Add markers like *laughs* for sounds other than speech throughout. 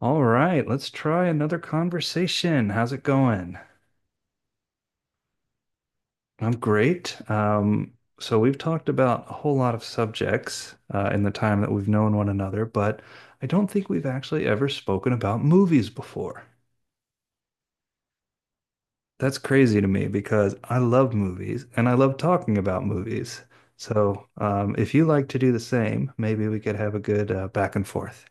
All right, let's try another conversation. How's it going? I'm great. So we've talked about a whole lot of subjects in the time that we've known one another, but I don't think we've actually ever spoken about movies before. That's crazy to me because I love movies and I love talking about movies. So if you like to do the same, maybe we could have a good back and forth.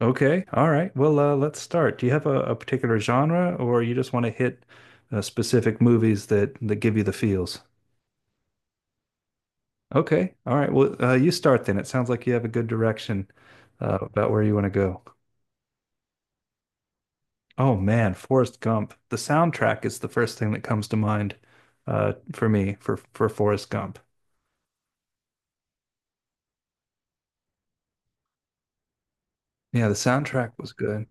Okay. All right. Well, let's start. Do you have a particular genre or you just want to hit specific movies that give you the feels? Okay. All right. Well, you start then. It sounds like you have a good direction about where you want to go. Oh, man. Forrest Gump. The soundtrack is the first thing that comes to mind for me for Forrest Gump. Yeah, the soundtrack was good.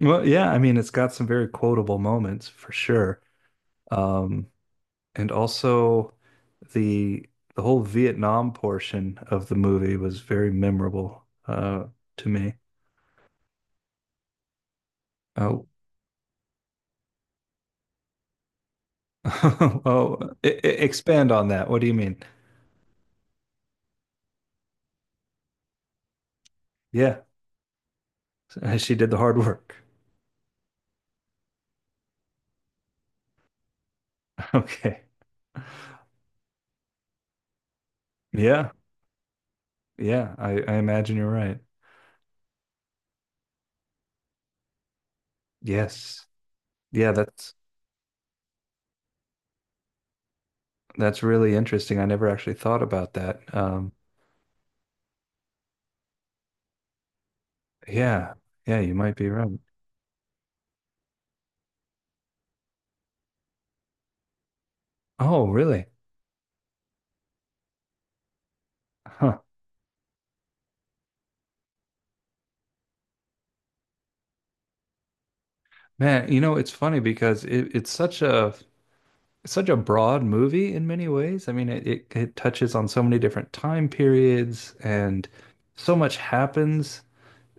Well, yeah. I mean, it's got some very quotable moments for sure. Um, And also the the whole Vietnam portion of the movie was very memorable to me. Oh, *laughs* oh, expand on that. What do you mean? Yeah, *laughs* she did the hard work. *laughs* Okay. Yeah. Yeah, I imagine you're right. Yes. Yeah, that's really interesting. I never actually thought about that. Um, yeah. Yeah, you might be right. Oh, really? Huh. Man, you know, it's funny because it's such a broad movie in many ways. I mean, it touches on so many different time periods and so much happens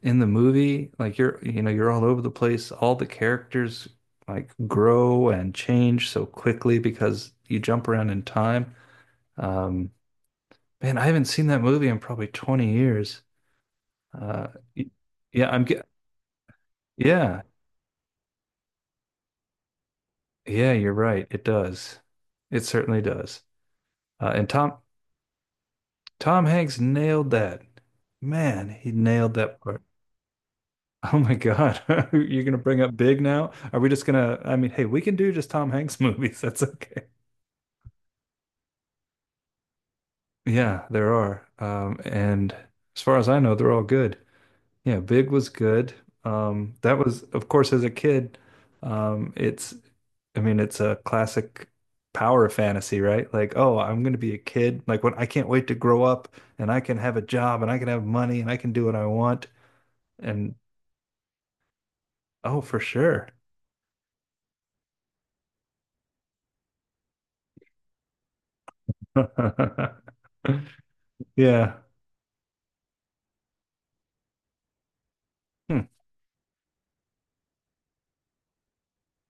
in the movie. Like you're, you know, you're all over the place. All the characters like grow and change so quickly because you jump around in time. Um, Man, I haven't seen that movie in probably 20 years. Uh, y- yeah, I'm, ge- yeah, yeah, you're right. It does. It certainly does. Uh, and Tom, Tom Hanks nailed that. Man, he nailed that part. *laughs* Oh my God. *laughs* You're gonna bring up Big now? Are we just gonna, I mean, hey, we can do just Tom Hanks *laughs* movies. That's okay. Yeah, there are. And as far as I know, they're all good. Yeah, Big was good. That was, of course, as a kid, um, it's, I mean, it's a classic power fantasy, right? Like, oh, I'm going to be a kid. Like, when I can't wait to grow up and I can have a job and I can have money and I can do what I want. And oh, for sure. *laughs* Yeah. Hmm.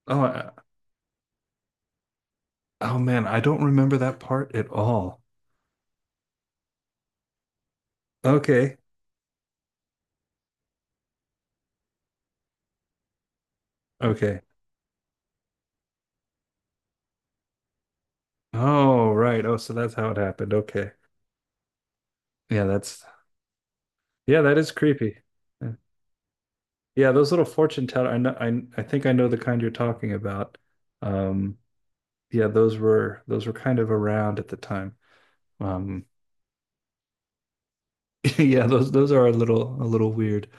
Oh, I- oh man, I don't remember that part at all. Okay. Okay. Oh, right. Oh, so that's how it happened. Okay. Yeah, that's yeah, that is creepy. Yeah, yeah, those little fortune teller. I know. I think I know the kind you're talking about. Um, yeah, those were kind of around at the time. Um, *laughs* yeah, those are a little weird.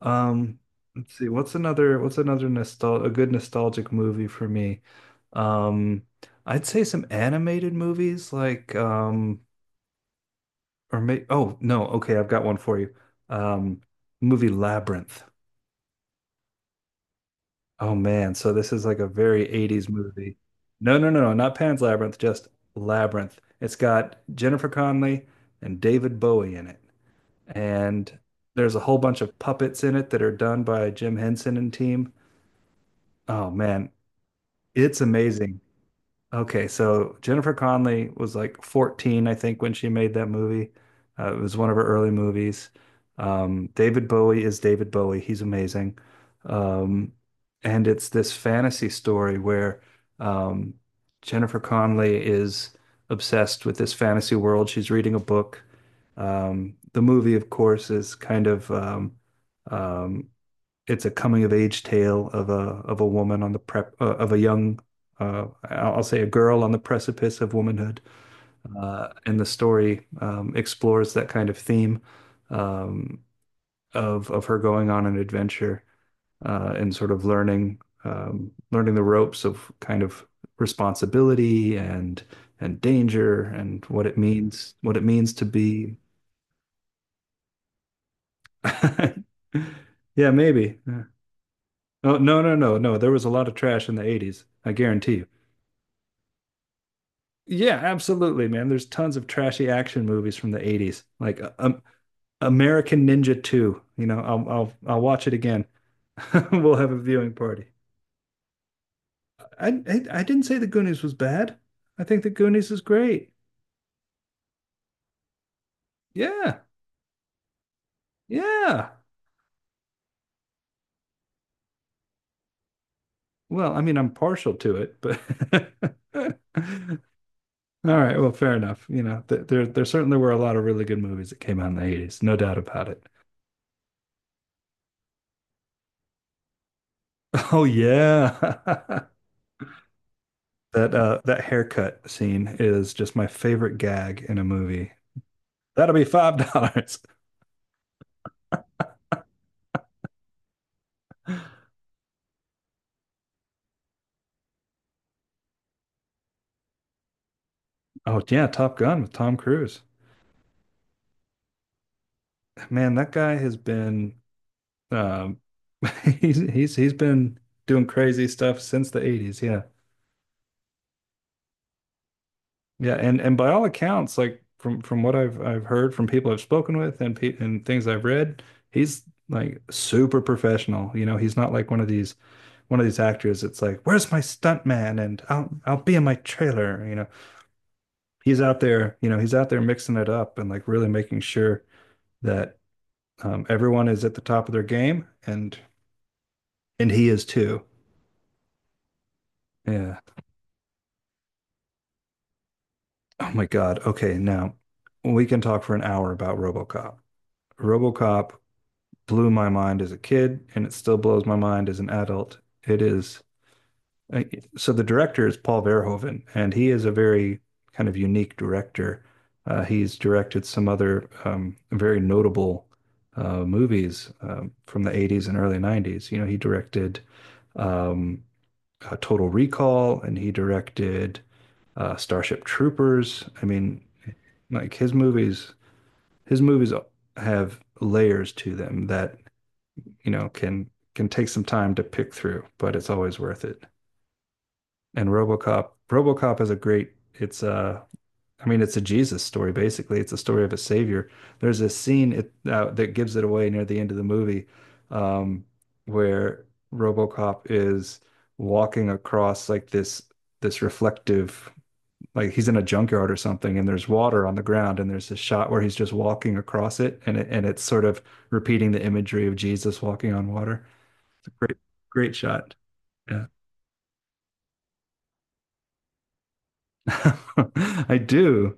Um, let's see. What's another nostal a good nostalgic movie for me? Um, I'd say some animated movies like or may oh no, okay, I've got one for you. Um, Movie Labyrinth. Oh man, so this is like a very '80s movie. No, no, no, no, not Pan's Labyrinth, just Labyrinth. It's got Jennifer Connelly and David Bowie in it. And there's a whole bunch of puppets in it that are done by Jim Henson and team. Oh man, it's amazing. Okay, so Jennifer Connelly was like 14, I think, when she made that movie. It was one of her early movies. David Bowie is David Bowie. He's amazing. Um, and it's this fantasy story where um, Jennifer Connelly is obsessed with this fantasy world. She's reading a book. The movie, of course, is kind of um, it's a coming of age tale of a woman on the prep of a young I'll say a girl on the precipice of womanhood, and the story explores that kind of theme um, of her going on an adventure and sort of learning learning the ropes of kind of responsibility and danger and what it means to be. *laughs* Yeah, maybe. Yeah. Oh, no, no, no, no. There was a lot of trash in the '80s. I guarantee you. Yeah, absolutely, man. There's tons of trashy action movies from the '80s, like American Ninja 2. You know, I'll watch it again. *laughs* We'll have a viewing party. I didn't say the Goonies was bad. I think the Goonies is great. Yeah. Yeah. Well, I mean, I'm partial to it, but *laughs* all right, well, fair enough. You know, th there there certainly were a lot of really good movies that came out in the '80s, no doubt about it. Oh yeah. *laughs* That that haircut scene is just my favorite gag in a movie. That'll be $5. *laughs* Oh yeah, Top Gun with Tom Cruise. Man, that guy has been um *laughs* he's been doing crazy stuff since the '80s, yeah. Yeah, and by all accounts, like from what I've heard from people I've spoken with and pe and things I've read, he's like super professional. You know, he's not like one of these actors. It's like, where's my stunt man? And I'll be in my trailer. You know, he's out there. You know, he's out there mixing it up and like really making sure that everyone is at the top of their game, and he is too. Yeah. Oh my God. Okay, now we can talk for an hour about RoboCop. RoboCop blew my mind as a kid, and it still blows my mind as an adult. It is uh, so the director is Paul Verhoeven, and he is a very kind of unique director. He's directed some other very notable movies from the '80s and early '90s. You know, he directed um, Total Recall and he directed Starship Troopers. I mean, like his movies have layers to them that you know, can take some time to pick through, but it's always worth it. And RoboCop is a great. It's a, I mean, it's a Jesus story basically. It's a story of a savior. There's a scene that gives it away near the end of the movie, um, where RoboCop is walking across like this reflective like he's in a junkyard or something and there's water on the ground and there's this shot where he's just walking across it and it's sort of repeating the imagery of Jesus walking on water. It's a great, great shot. Yeah. *laughs* I do.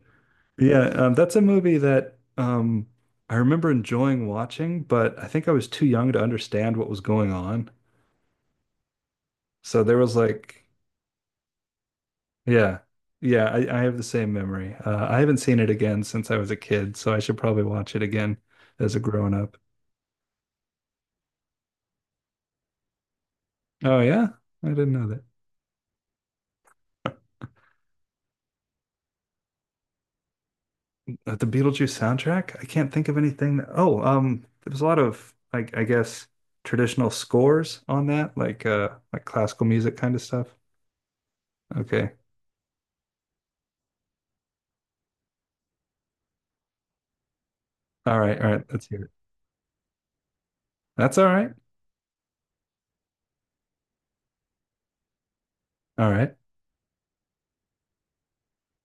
Yeah, that's a movie that I remember enjoying watching, but I think I was too young to understand what was going on. So there was like, yeah, yeah, I have the same memory. I haven't seen it again since I was a kid, so I should probably watch it again as a grown up. Oh, yeah, I didn't know the Beetlejuice soundtrack? I can't think of anything that, oh, there was a lot of like I guess traditional scores on that, like classical music kind of stuff. Okay. All right, let's hear it. That's all right. All right.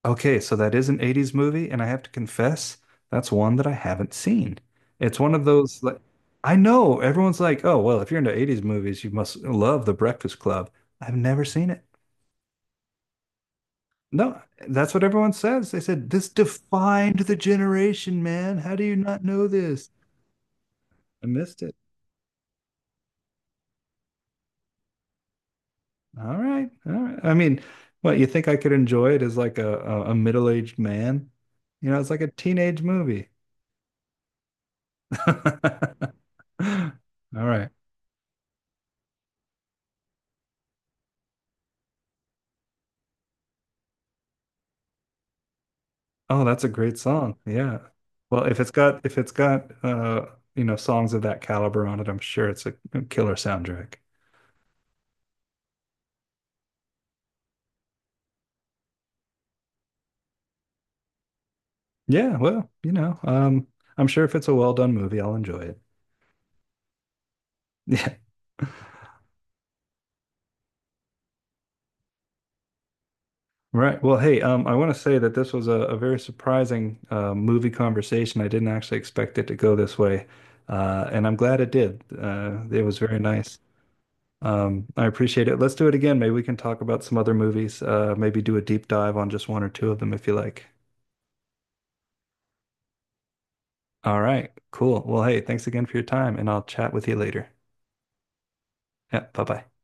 Okay, so that is an '80s movie, and I have to confess, that's one that I haven't seen. It's one of those like I know everyone's like, oh well, if you're into '80s movies, you must love The Breakfast Club. I've never seen it. No, that's what everyone says. They said this defined the generation, man. How do you not know this? I missed it. All right. All right. I mean, what, you think I could enjoy it as like a middle-aged man? You know, it's like a teenage movie. *laughs* All right. Oh, that's a great song. Yeah. Well, if it's got you know, songs of that caliber on it, I'm sure it's a killer soundtrack. Yeah, well, you know, I'm sure if it's a well done movie, I'll enjoy it. *laughs* Yeah. Right. Well, hey, I want to say that this was a very surprising movie conversation. I didn't actually expect it to go this way, and I'm glad it did. It was very nice. I appreciate it. Let's do it again. Maybe we can talk about some other movies. Maybe do a deep dive on just one or two of them if you like. All right. Cool. Well, hey, thanks again for your time, and I'll chat with you later. Yeah. Bye bye.